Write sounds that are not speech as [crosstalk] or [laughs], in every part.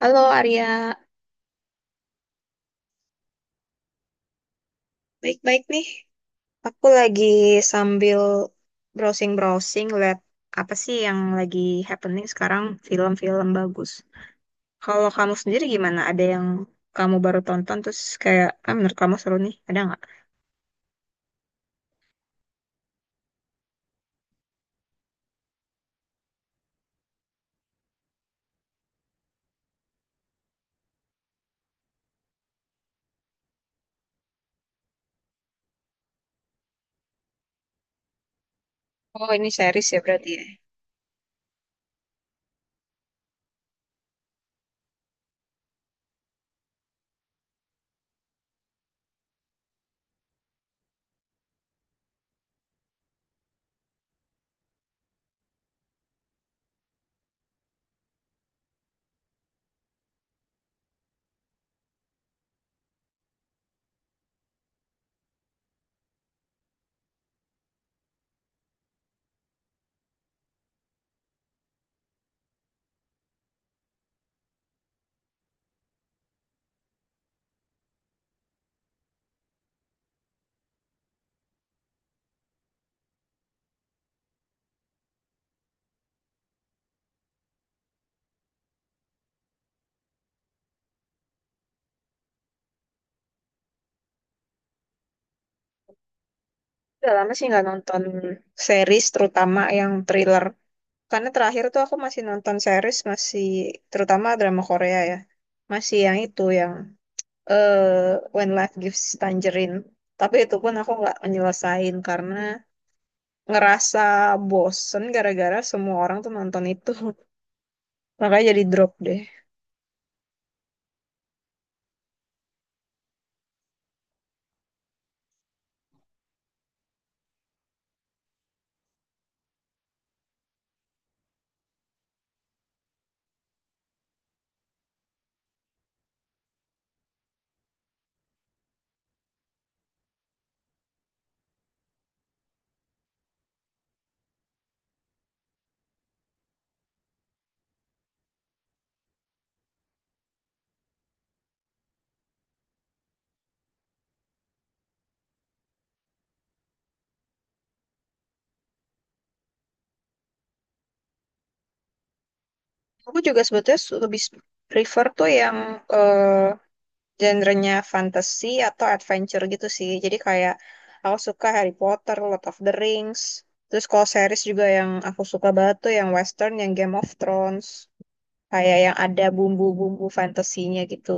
Halo Arya, baik-baik nih. Aku lagi sambil browsing-browsing lihat apa sih yang lagi happening sekarang film-film bagus. Kalau kamu sendiri gimana? Ada yang kamu baru tonton terus kayak, ah menurut kamu seru nih, ada nggak? Oh ini series ya berarti ya. Udah lama sih nggak nonton series terutama yang thriller. Karena terakhir tuh aku masih nonton series masih terutama drama Korea ya. Masih yang itu yang When Life Gives Tangerine. Tapi itu pun aku nggak menyelesain karena ngerasa bosen gara-gara semua orang tuh nonton itu. [laughs] Makanya jadi drop deh. Aku juga sebetulnya lebih prefer tuh yang eh, genrenya fantasy atau adventure gitu sih. Jadi kayak aku suka Harry Potter, Lord of the Rings. Terus kalau series juga yang aku suka banget tuh yang western, yang Game of Thrones. Kayak yang ada bumbu-bumbu fantasinya gitu.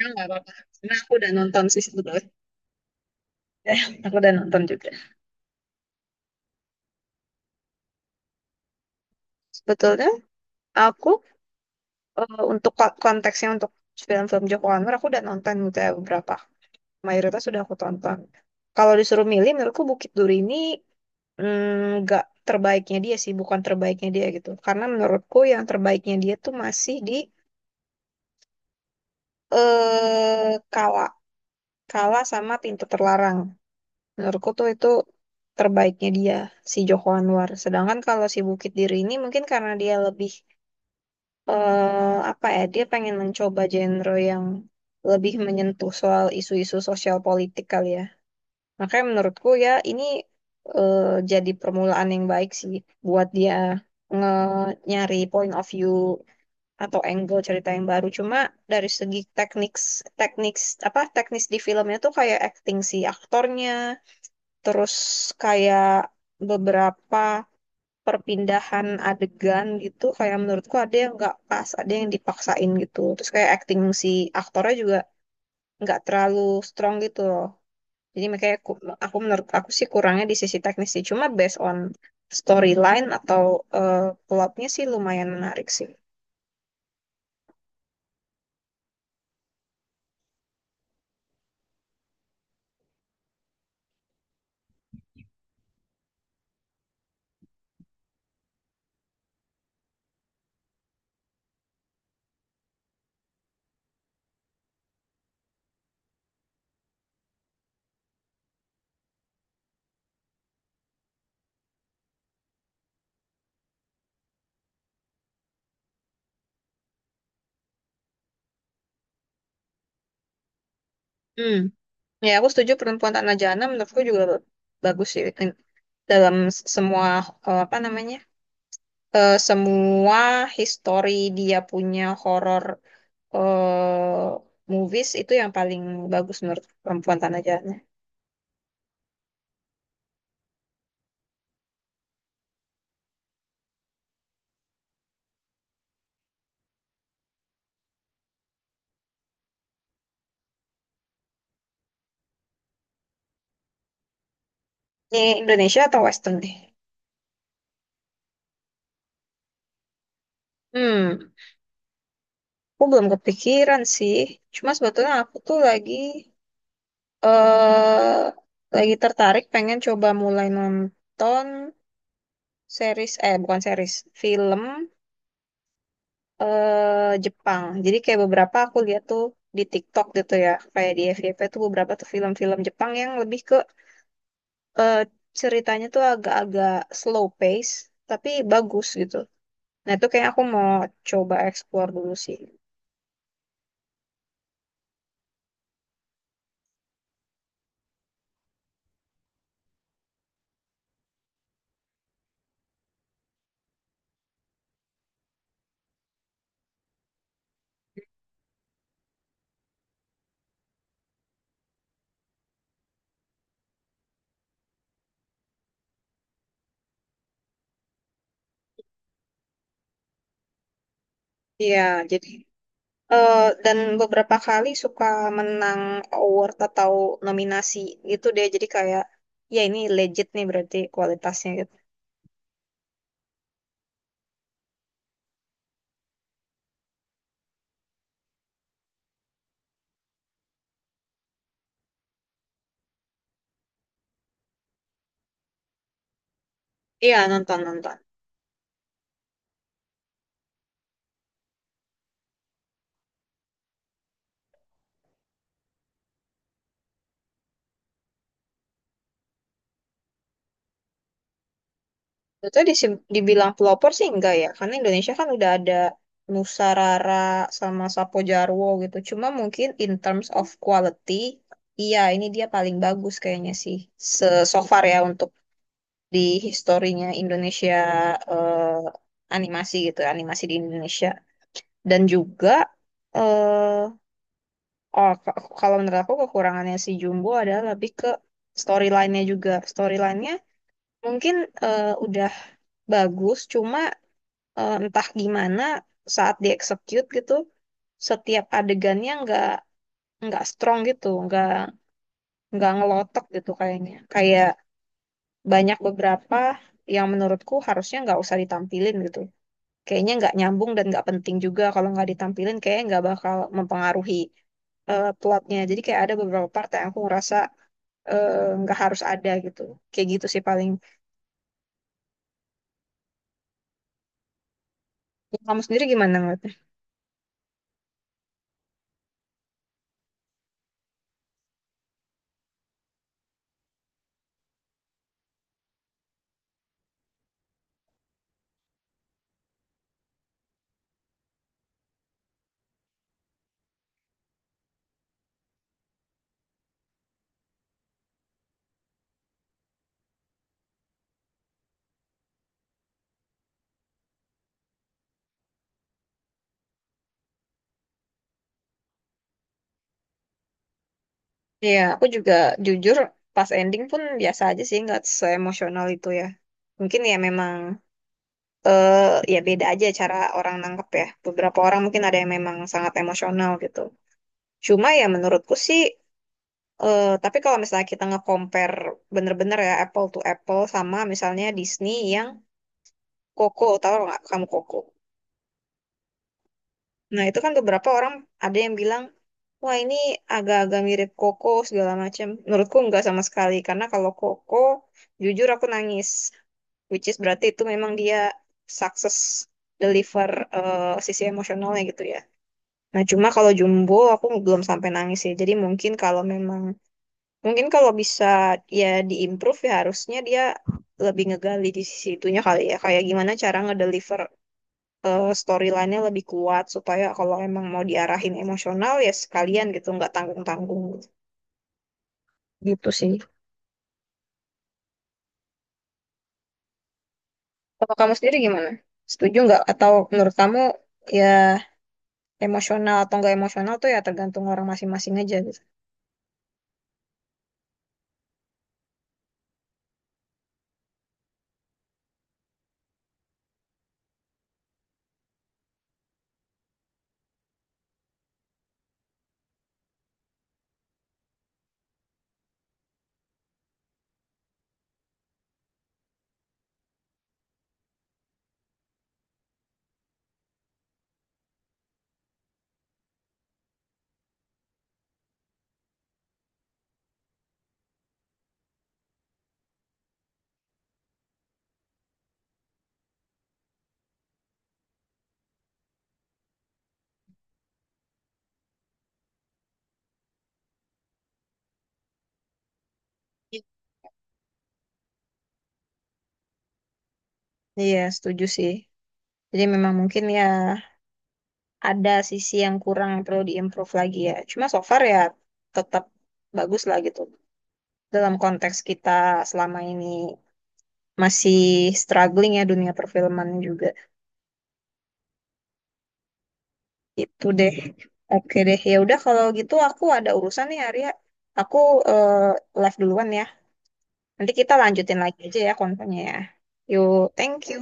Ya, nggak apa-apa. Karena aku udah nonton sih sebetulnya. Ya, [laughs] aku udah nonton juga. Sebetulnya aku untuk konteksnya untuk film-film Joko Anwar aku udah nonton gitu ya beberapa. Mayoritas sudah aku tonton. Kalau disuruh milih, menurutku Bukit Duri ini nggak terbaiknya dia sih, bukan terbaiknya dia gitu. Karena menurutku yang terbaiknya dia tuh masih di kala kala sama Pintu Terlarang. Menurutku tuh itu terbaiknya dia, si Joko Anwar. Sedangkan kalau si Bukit Diri ini mungkin karena dia lebih, apa ya, dia pengen mencoba genre yang lebih menyentuh soal isu-isu sosial politik kali ya. Makanya menurutku ya ini eh, jadi permulaan yang baik sih buat dia nyari point of view atau angle cerita yang baru. Cuma dari segi teknik, teknik apa teknis di filmnya tuh kayak acting si aktornya, terus kayak beberapa perpindahan adegan gitu kayak menurutku ada yang nggak pas ada yang dipaksain gitu terus kayak acting si aktornya juga nggak terlalu strong gitu loh jadi makanya aku menurut aku sih kurangnya di sisi teknis sih cuma based on storyline atau eh, plotnya sih lumayan menarik sih. Hmm, ya aku setuju perempuan Tanah Jana menurutku juga bagus sih dalam semua eh, apa namanya semua history dia punya horror eh, movies itu yang paling bagus menurut perempuan tanah jahannya. Ini Indonesia atau Western nih? Hmm, aku belum kepikiran sih. Cuma sebetulnya aku tuh lagi eh lagi tertarik pengen coba mulai nonton series eh bukan series, film Jepang. Jadi kayak beberapa aku lihat tuh di TikTok gitu ya, kayak di FYP tuh beberapa tuh film-film Jepang yang lebih ke eh, ceritanya tuh agak-agak slow pace, tapi bagus gitu. Nah, itu kayak aku mau coba explore dulu sih. Iya, jadi eh, dan beberapa kali suka menang award atau nominasi gitu deh. Jadi kayak, ya ini legit nih berarti kualitasnya gitu. Iya, nonton-nonton. Itu dibilang pelopor sih enggak ya, karena Indonesia kan udah ada Nusa Rara sama Sapo Jarwo gitu. Cuma mungkin in terms of quality, iya ini dia paling bagus kayaknya sih. Se so far ya untuk di historinya Indonesia eh, animasi gitu, animasi di Indonesia. Dan juga eh oh k- kalau menurut aku kekurangannya si Jumbo adalah lebih ke storyline-nya juga. Storyline-nya mungkin udah bagus, cuma entah gimana saat dieksekut gitu setiap adegannya nggak strong gitu nggak ngelotok gitu kayaknya kayak banyak beberapa yang menurutku harusnya nggak usah ditampilin gitu kayaknya nggak nyambung dan nggak penting juga kalau nggak ditampilin kayaknya nggak bakal mempengaruhi plotnya jadi kayak ada beberapa part yang aku ngerasa eh, nggak harus ada gitu kayak gitu sih paling. Kamu sendiri gimana ngeliatnya? Iya, aku juga jujur pas ending pun biasa aja sih, nggak seemosional itu ya. Mungkin ya memang eh ya beda aja cara orang nangkep ya. Beberapa orang mungkin ada yang memang sangat emosional gitu. Cuma ya menurutku sih, tapi kalau misalnya kita nge-compare bener-bener ya apple to apple sama misalnya Disney yang Coco, tahu nggak kamu Coco? Nah, itu kan beberapa orang ada yang bilang, wah ini agak-agak mirip Koko segala macam. Menurutku nggak sama sekali, karena kalau Koko, jujur aku nangis. Which is berarti itu memang dia sukses deliver sisi emosionalnya gitu ya. Nah, cuma kalau Jumbo aku belum sampai nangis ya. Jadi mungkin kalau memang, mungkin kalau bisa ya diimprove ya harusnya dia lebih ngegali di sisi itunya kali ya. Kayak gimana cara ngedeliver storyline-nya lebih kuat supaya kalau emang mau diarahin emosional ya sekalian gitu nggak tanggung-tanggung gitu. Gitu sih. Kalau kamu sendiri gimana? Setuju nggak? Atau menurut kamu ya emosional atau nggak emosional tuh ya tergantung orang masing-masing aja gitu. Iya, setuju sih. Jadi memang mungkin ya ada sisi yang kurang yang perlu diimprove lagi ya. Cuma so far ya tetap bagus lah gitu. Dalam konteks kita selama ini masih struggling ya dunia perfilman juga. Itu deh. Oke deh. Ya udah kalau gitu aku ada urusan nih Arya. Aku eh, live duluan ya. Nanti kita lanjutin lagi aja ya kontennya ya. Yuk, thank you.